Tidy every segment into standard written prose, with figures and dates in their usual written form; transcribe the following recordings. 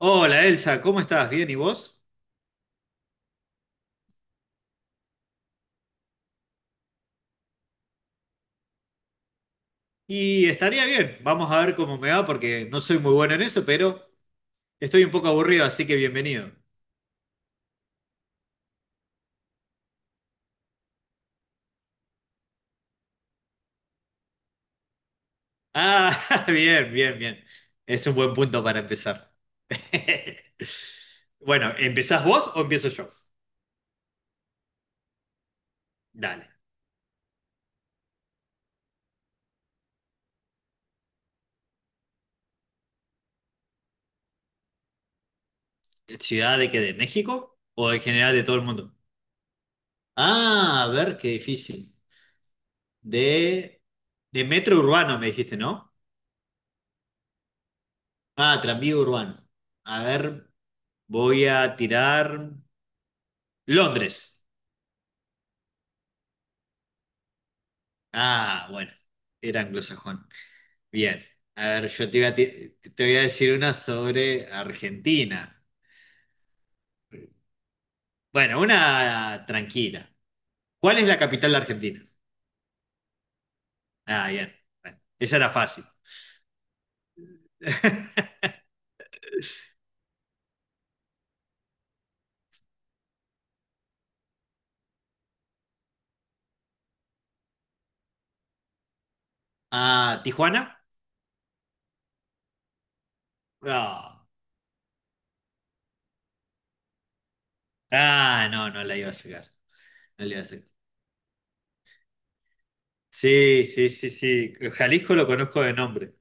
Hola Elsa, ¿cómo estás? ¿Bien y vos? Y estaría bien, vamos a ver cómo me va porque no soy muy bueno en eso, pero estoy un poco aburrido, así que bienvenido. Ah, bien. Es un buen punto para empezar. Bueno, ¿empezás vos o empiezo yo? Dale. ¿Ciudad de qué? ¿De México? ¿O en general de todo el mundo? Ah, a ver, qué difícil. De, de metro urbano me dijiste, ¿no? Ah, tranvía urbano. A ver, voy a tirar Londres. Ah, bueno, era anglosajón. Bien, a ver, yo te voy a, ti- te voy a decir una sobre Argentina. Bueno, una tranquila. ¿Cuál es la capital de Argentina? Ah, bien, bueno, esa era fácil. Ah, ¿Tijuana? No. Ah, no, no la iba a sacar. No la iba a sacar. Sí, sí, sí, sí. Jalisco lo conozco de nombre.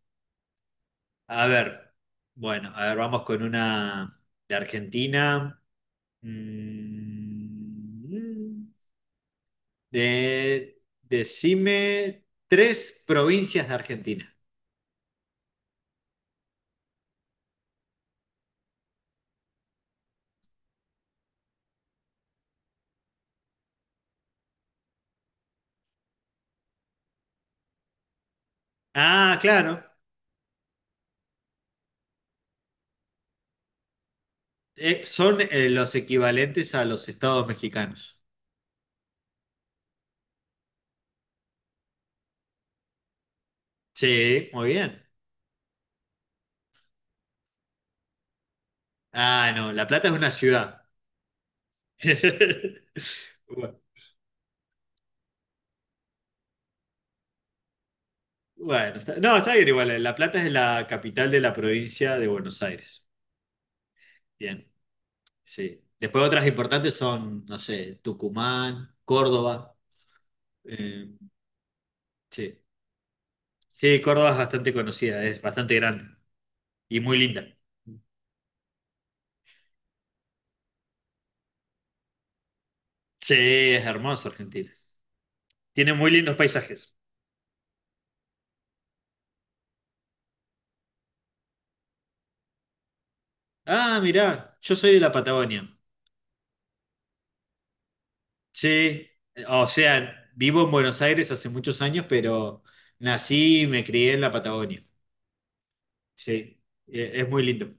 A ver, bueno, a ver, vamos con una de Argentina. Mm, decime tres provincias de Argentina. Ah, claro. Son los equivalentes a los estados mexicanos. Sí, muy bien. Ah, no, La Plata es una ciudad. Bu- Bueno, no, está bien igual. La Plata es la capital de la provincia de Buenos Aires. Bien, sí. Después otras importantes son, no sé, Tucumán, Córdoba. eh, sí. Sí, Córdoba es bastante conocida, es bastante grande y muy linda. Sí, es hermoso Argentina. Tiene muy lindos paisajes. Ah, mirá, yo soy de la Patagonia. Sí, o sea, vivo en Buenos Aires hace muchos años, pero nací y me crié en la Patagonia. Sí, es muy lindo.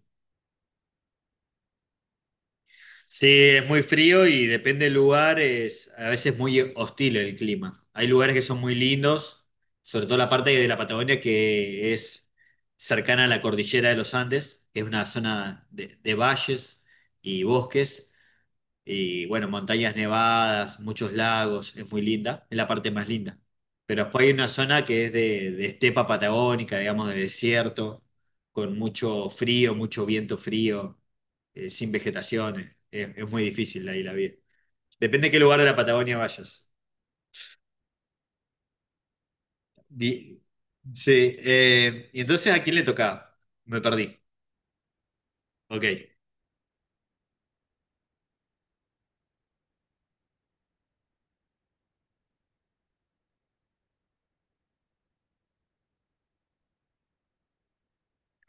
Sí, es muy frío y depende del lugar, es a veces muy hostil el clima. Hay lugares que son muy lindos, sobre todo la parte de la Patagonia que es cercana a la cordillera de los Andes, que es una zona de valles y bosques. Y bueno, montañas nevadas, muchos lagos, es muy linda, es la parte más linda. Pero después hay una zona que es de estepa patagónica, digamos, de desierto, con mucho frío, mucho viento frío, sin vegetación. Es muy difícil ahí la vida. Depende de qué lugar de la Patagonia vayas. Vi- Sí, y entonces ¿a quién le tocaba? Me perdí. Ok.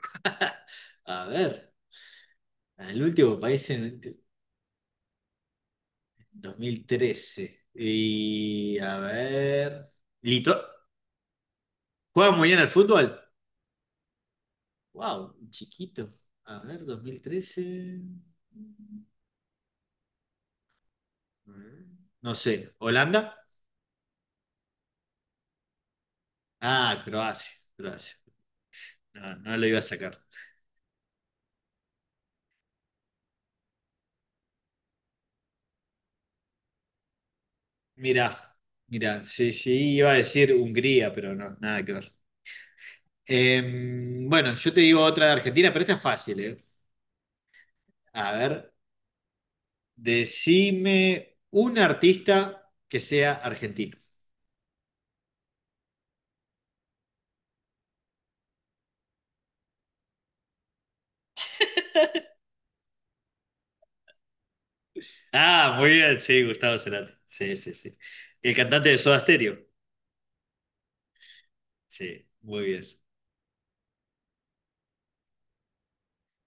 A ver, el último país en... 2013. Y a ver. Lito- ¿Juega muy bien al fútbol? Wow, chiquito. A ver, 2013. No sé, ¿Holanda? Ah, Croacia. No, no lo iba a sacar. Mira, mira, sí, sí, iba a decir Hungría, pero no, nada que ver. Bueno, yo te digo otra de Argentina, pero esta es fácil, ¿eh? A ver, decime un artista que sea argentino. Ah, muy bien, sí, Gustavo Cerati. Sí, sí, sí. El cantante de Soda Stereo. Sí, muy bien.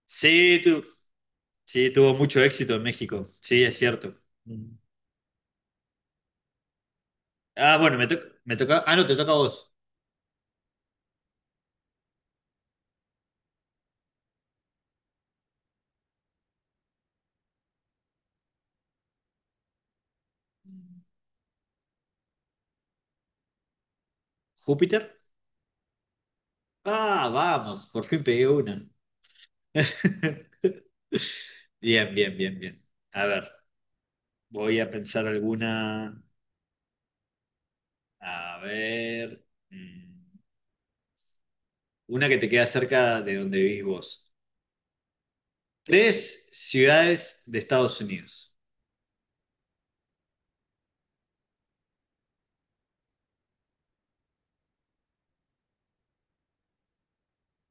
Sí, sí, tuvo mucho éxito en México. Sí, es cierto. Mm. Ah, bueno, me toca. Ah, no, te toca a vos. ¿Júpiter? Ah, vamos, por fin pegué una. Bien. A ver, voy a pensar alguna. A ver. Una que te queda cerca de donde vivís vos. Tres ciudades de Estados Unidos.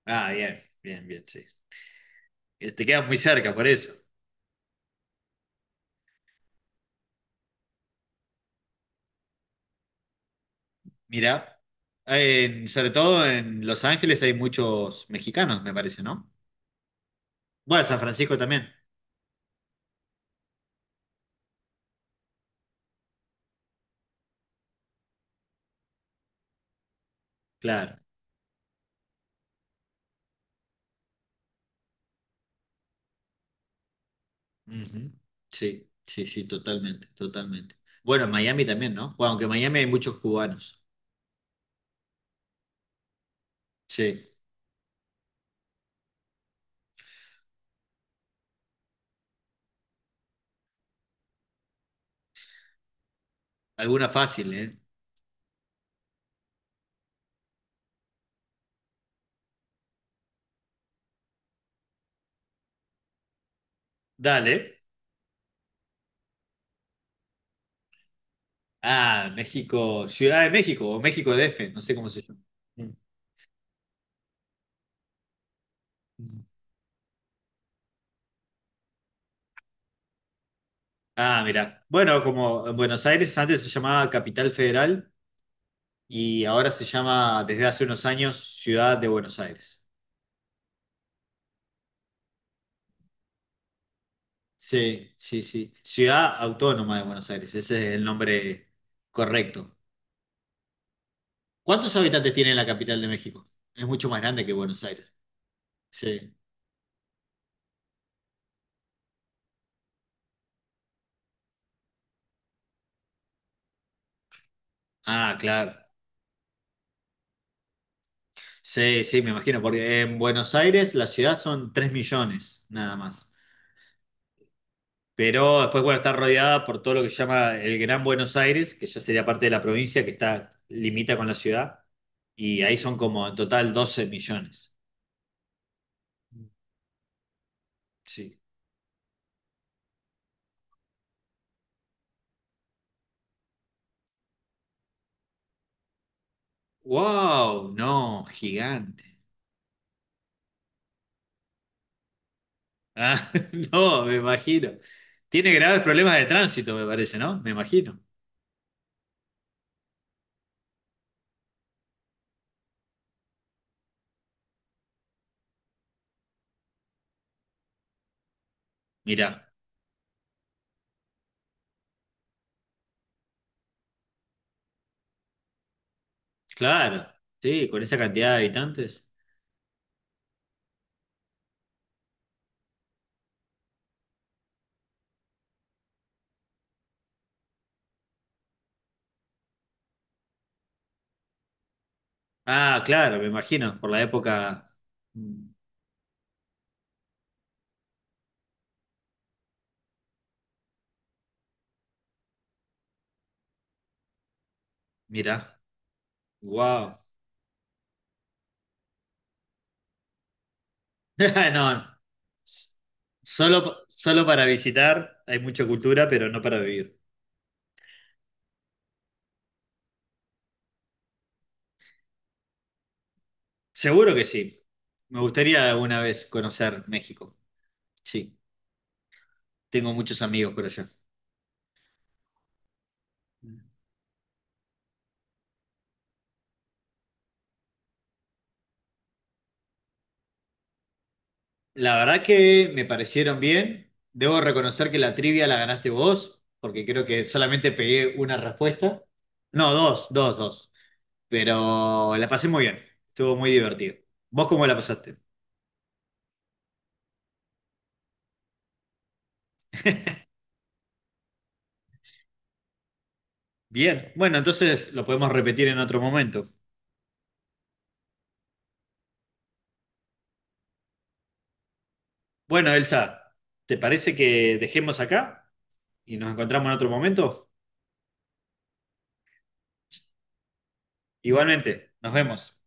Ah, bien, sí. Te quedas muy cerca, por eso. Mirá, sobre todo en Los Ángeles hay muchos mexicanos, me parece, ¿no? Bueno, San Francisco también, claro. Ujú. Sí, sí, sí, totalmente, totalmente. Bueno, en Miami también, ¿no? Bueno, aunque en Miami hay muchos cubanos. Sí, alguna fácil, ¿eh? Dale. Ah, México, Ciudad de México o México DF, no sé cómo se llama. Mm. Ah, mirá. Bueno, como en Buenos Aires antes se llamaba Capital Federal, y ahora se llama desde hace unos años Ciudad de Buenos Aires. Sí, sí, sí. Ciudad Autónoma de Buenos Aires, ese es el nombre correcto. ¿Cuántos habitantes tiene la capital de México? Es mucho más grande que Buenos Aires. Sí. Ah, claro. Sí, sí, me imagino, porque en Buenos Aires la ciudad son 3 millones nada más. Pero después, bueno, está rodeada por todo lo que se llama el Gran Buenos Aires, que ya sería parte de la provincia que está limita con la ciudad, y ahí son como en total 12 millones. Sí. ¡Wow! No, gigante. Ah, no, me imagino. Tiene graves problemas de tránsito, me parece, ¿no? Me imagino. Mirá, claro, sí, con esa cantidad de habitantes. Ah, claro, me imagino, por la época. Mm, Mirá, wow. No, s- solo para visitar, hay mucha cultura, pero no para vivir. Seguro que sí. Me gustaría alguna vez conocer México. Sí, tengo muchos amigos por allá. La verdad que me parecieron bien. Debo reconocer que la trivia la ganaste vos, porque creo que solamente pegué una respuesta. No, dos. Pero la pasé muy bien. Estuvo muy divertido. ¿Vos cómo la pasaste? Bien. Bueno, entonces lo podemos repetir en otro momento. Bueno, Elsa, ¿te parece que dejemos acá y nos encontramos en otro momento? Igualmente, nos vemos.